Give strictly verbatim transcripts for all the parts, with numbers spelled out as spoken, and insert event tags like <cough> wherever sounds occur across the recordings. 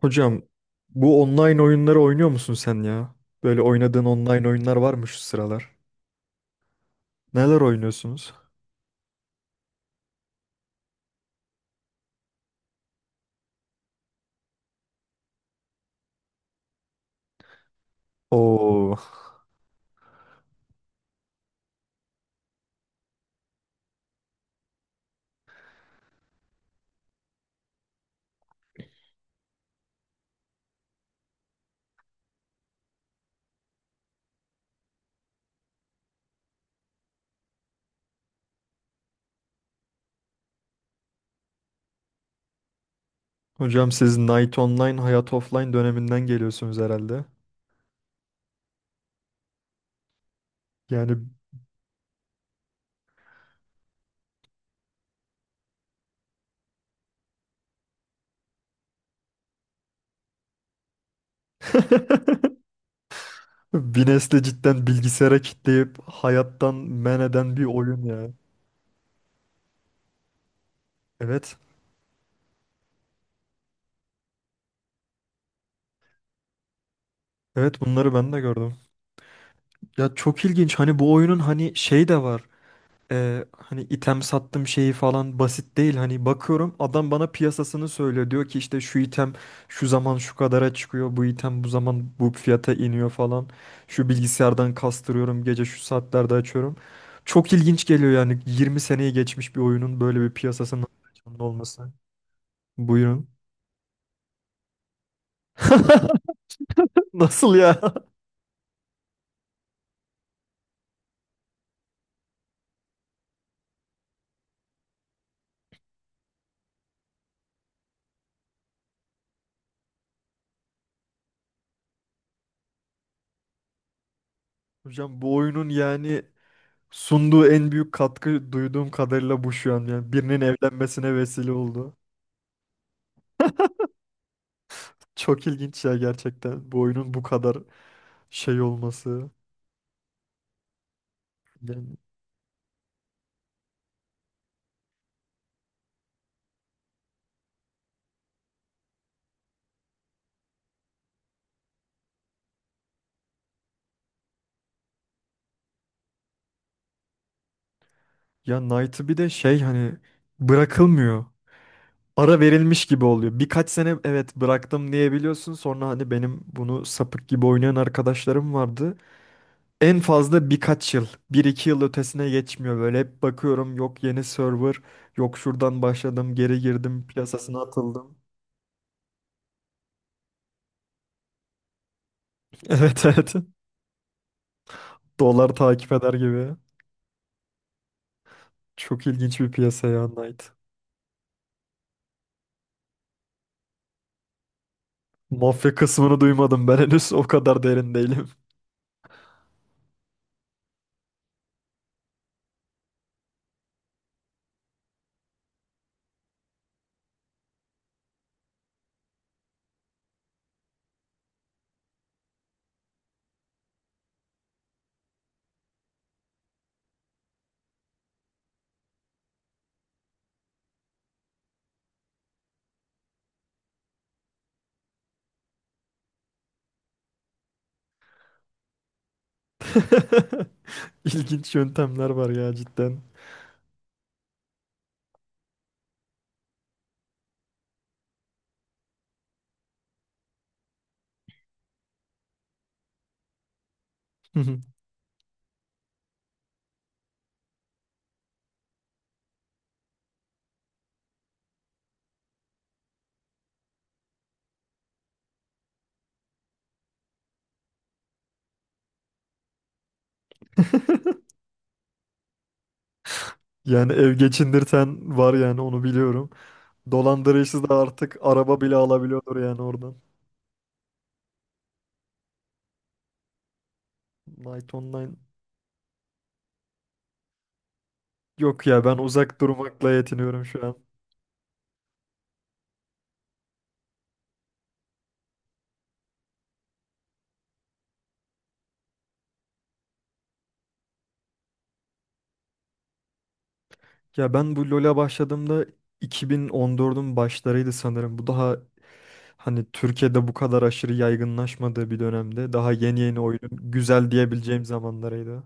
Hocam, bu online oyunları oynuyor musun sen ya? Böyle oynadığın online oyunlar var mı şu sıralar? Neler oynuyorsunuz? Oo, hocam siz Night Online, Hayat Offline döneminden geliyorsunuz herhalde. Yani <laughs> bir nesli cidden bilgisayara kitleyip hayattan men eden bir oyun ya. Evet. Evet, bunları ben de gördüm. Ya çok ilginç, hani bu oyunun hani şey de var. E, hani item sattım şeyi falan basit değil. Hani bakıyorum adam bana piyasasını söylüyor. Diyor ki işte şu item şu zaman şu kadara çıkıyor. Bu item bu zaman bu fiyata iniyor falan. Şu bilgisayardan kastırıyorum, gece şu saatlerde açıyorum. Çok ilginç geliyor yani, yirmi seneyi geçmiş bir oyunun böyle bir piyasasının canlı olması. Buyurun. <laughs> Nasıl ya? Hocam, bu oyunun yani sunduğu en büyük katkı duyduğum kadarıyla bu, şu an yani birinin evlenmesine vesile oldu. Çok ilginç ya, gerçekten bu oyunun bu kadar şey olması. Yani, ya Knight'ı bir de şey hani bırakılmıyor. Ara verilmiş gibi oluyor. Birkaç sene evet bıraktım diyebiliyorsun. Sonra hani benim bunu sapık gibi oynayan arkadaşlarım vardı. En fazla birkaç yıl. Bir iki yıl ötesine geçmiyor böyle. Hep bakıyorum yok yeni server. Yok şuradan başladım, geri girdim, piyasasına atıldım. <laughs> Evet, evet. Dolar takip eder gibi. Çok ilginç bir piyasa ya Knight. Mafya kısmını duymadım, ben henüz o kadar derin değilim. <laughs> İlginç yöntemler var ya cidden. <laughs> Yani ev geçindirten var, yani onu biliyorum. Dolandırıcısı da artık araba bile alabiliyordur yani oradan. Night Online, yok ya, ben uzak durmakla yetiniyorum şu an. Ya ben bu LoL'a başladığımda iki bin on dördün başlarıydı sanırım. Bu daha hani Türkiye'de bu kadar aşırı yaygınlaşmadığı bir dönemde, daha yeni yeni oyunun güzel diyebileceğim zamanlarıydı.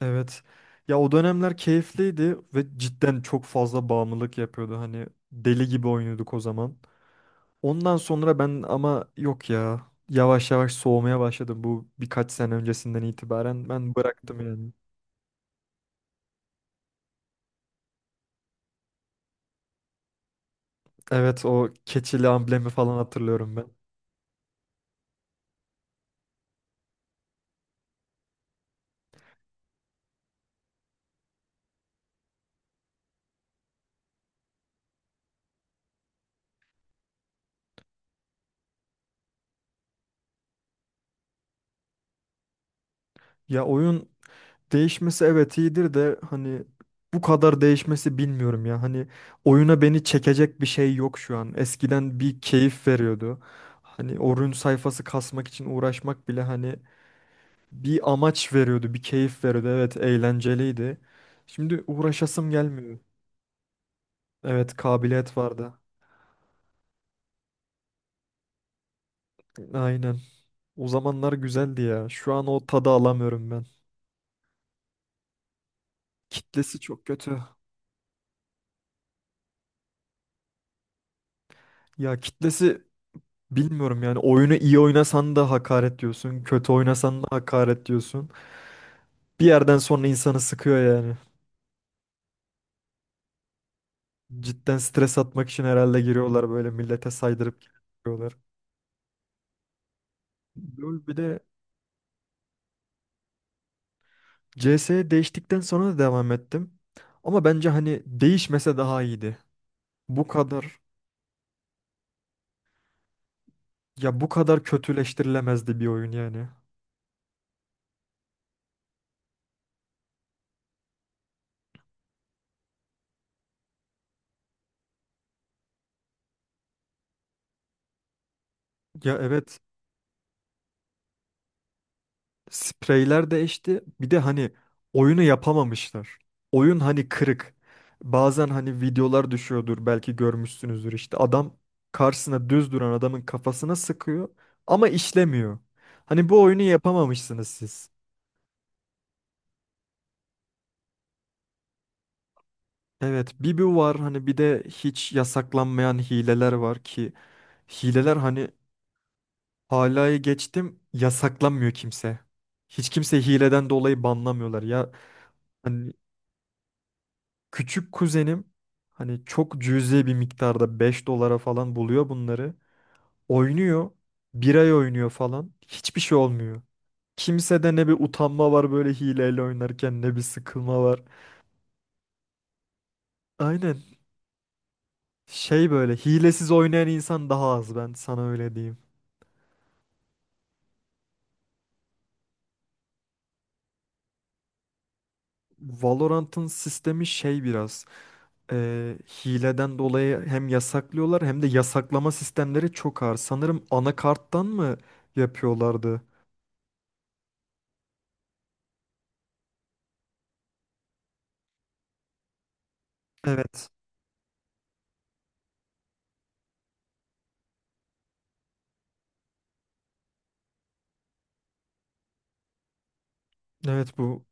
Evet. Ya o dönemler keyifliydi ve cidden çok fazla bağımlılık yapıyordu. Hani deli gibi oynuyorduk o zaman. Ondan sonra ben ama, yok ya. Yavaş yavaş soğumaya başladım bu birkaç sene öncesinden itibaren. Ben bıraktım yani. Evet, o keçili amblemi falan hatırlıyorum ben. Ya oyun değişmesi evet iyidir de hani bu kadar değişmesi bilmiyorum ya. Hani oyuna beni çekecek bir şey yok şu an. Eskiden bir keyif veriyordu. Hani oyun sayfası kasmak için uğraşmak bile hani bir amaç veriyordu, bir keyif veriyordu. Evet, eğlenceliydi. Şimdi uğraşasım gelmiyor. Evet, kabiliyet vardı. Aynen. O zamanlar güzeldi ya. Şu an o tadı alamıyorum ben. Kitlesi çok kötü. Ya kitlesi bilmiyorum yani, oyunu iyi oynasan da hakaret diyorsun, kötü oynasan da hakaret diyorsun. Bir yerden sonra insanı sıkıyor yani. Cidden stres atmak için herhalde giriyorlar, böyle millete saydırıp giriyorlar. LoL bir de C S'ye değiştikten sonra da devam ettim. Ama bence hani değişmese daha iyiydi. Bu kadar, ya bu kadar kötüleştirilemezdi bir oyun yani. Ya evet, spreyler değişti. Bir de hani oyunu yapamamışlar. Oyun hani kırık. Bazen hani videolar düşüyordur belki görmüşsünüzdür, işte adam karşısına düz duran adamın kafasına sıkıyor ama işlemiyor. Hani bu oyunu yapamamışsınız siz. Evet, bir bu var hani, bir de hiç yasaklanmayan hileler var ki hileler hani halayı geçtim, yasaklanmıyor kimse. Hiç kimse hileden dolayı banlamıyorlar ya. Hani küçük kuzenim hani çok cüzi bir miktarda beş dolara falan buluyor bunları. Oynuyor. Bir ay oynuyor falan. Hiçbir şey olmuyor. Kimsede ne bir utanma var böyle hileyle oynarken, ne bir sıkılma var. Aynen. Şey böyle hilesiz oynayan insan daha az, ben sana öyle diyeyim. Valorant'ın sistemi şey biraz e, hileden dolayı hem yasaklıyorlar hem de yasaklama sistemleri çok ağır. Sanırım anakarttan mı yapıyorlardı? Evet. Evet, bu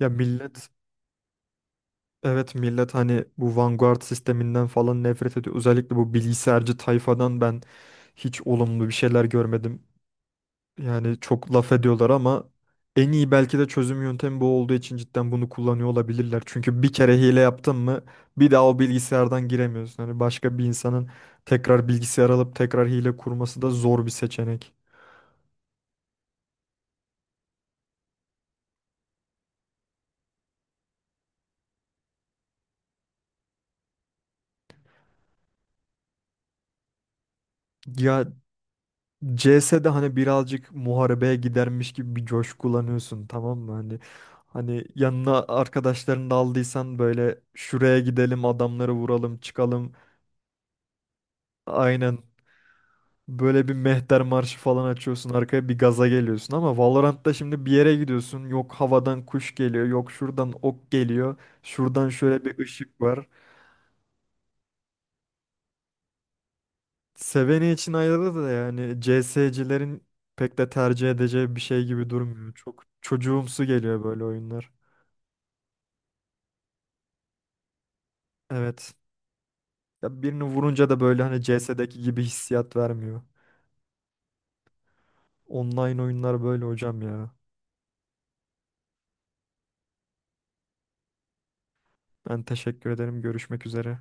ya millet, evet millet hani bu Vanguard sisteminden falan nefret ediyor. Özellikle bu bilgisayarcı tayfadan ben hiç olumlu bir şeyler görmedim. Yani çok laf ediyorlar ama en iyi belki de çözüm yöntemi bu olduğu için cidden bunu kullanıyor olabilirler. Çünkü bir kere hile yaptın mı bir daha o bilgisayardan giremiyorsun. Hani başka bir insanın tekrar bilgisayar alıp tekrar hile kurması da zor bir seçenek. Ya C S'de hani birazcık muharebeye gidermiş gibi bir coşku kullanıyorsun tamam mı? Hani hani yanına arkadaşlarını da aldıysan böyle şuraya gidelim, adamları vuralım, çıkalım. Aynen, böyle bir mehter marşı falan açıyorsun arkaya, bir gaza geliyorsun ama Valorant'ta şimdi bir yere gidiyorsun, yok havadan kuş geliyor, yok şuradan ok geliyor, şuradan şöyle bir ışık var. Seveni için ayrı da yani, C S'cilerin pek de tercih edeceği bir şey gibi durmuyor. Çok çocuğumsu geliyor böyle oyunlar. Evet. Ya birini vurunca da böyle hani C S'deki gibi hissiyat vermiyor. Online oyunlar böyle hocam ya. Ben teşekkür ederim. Görüşmek üzere.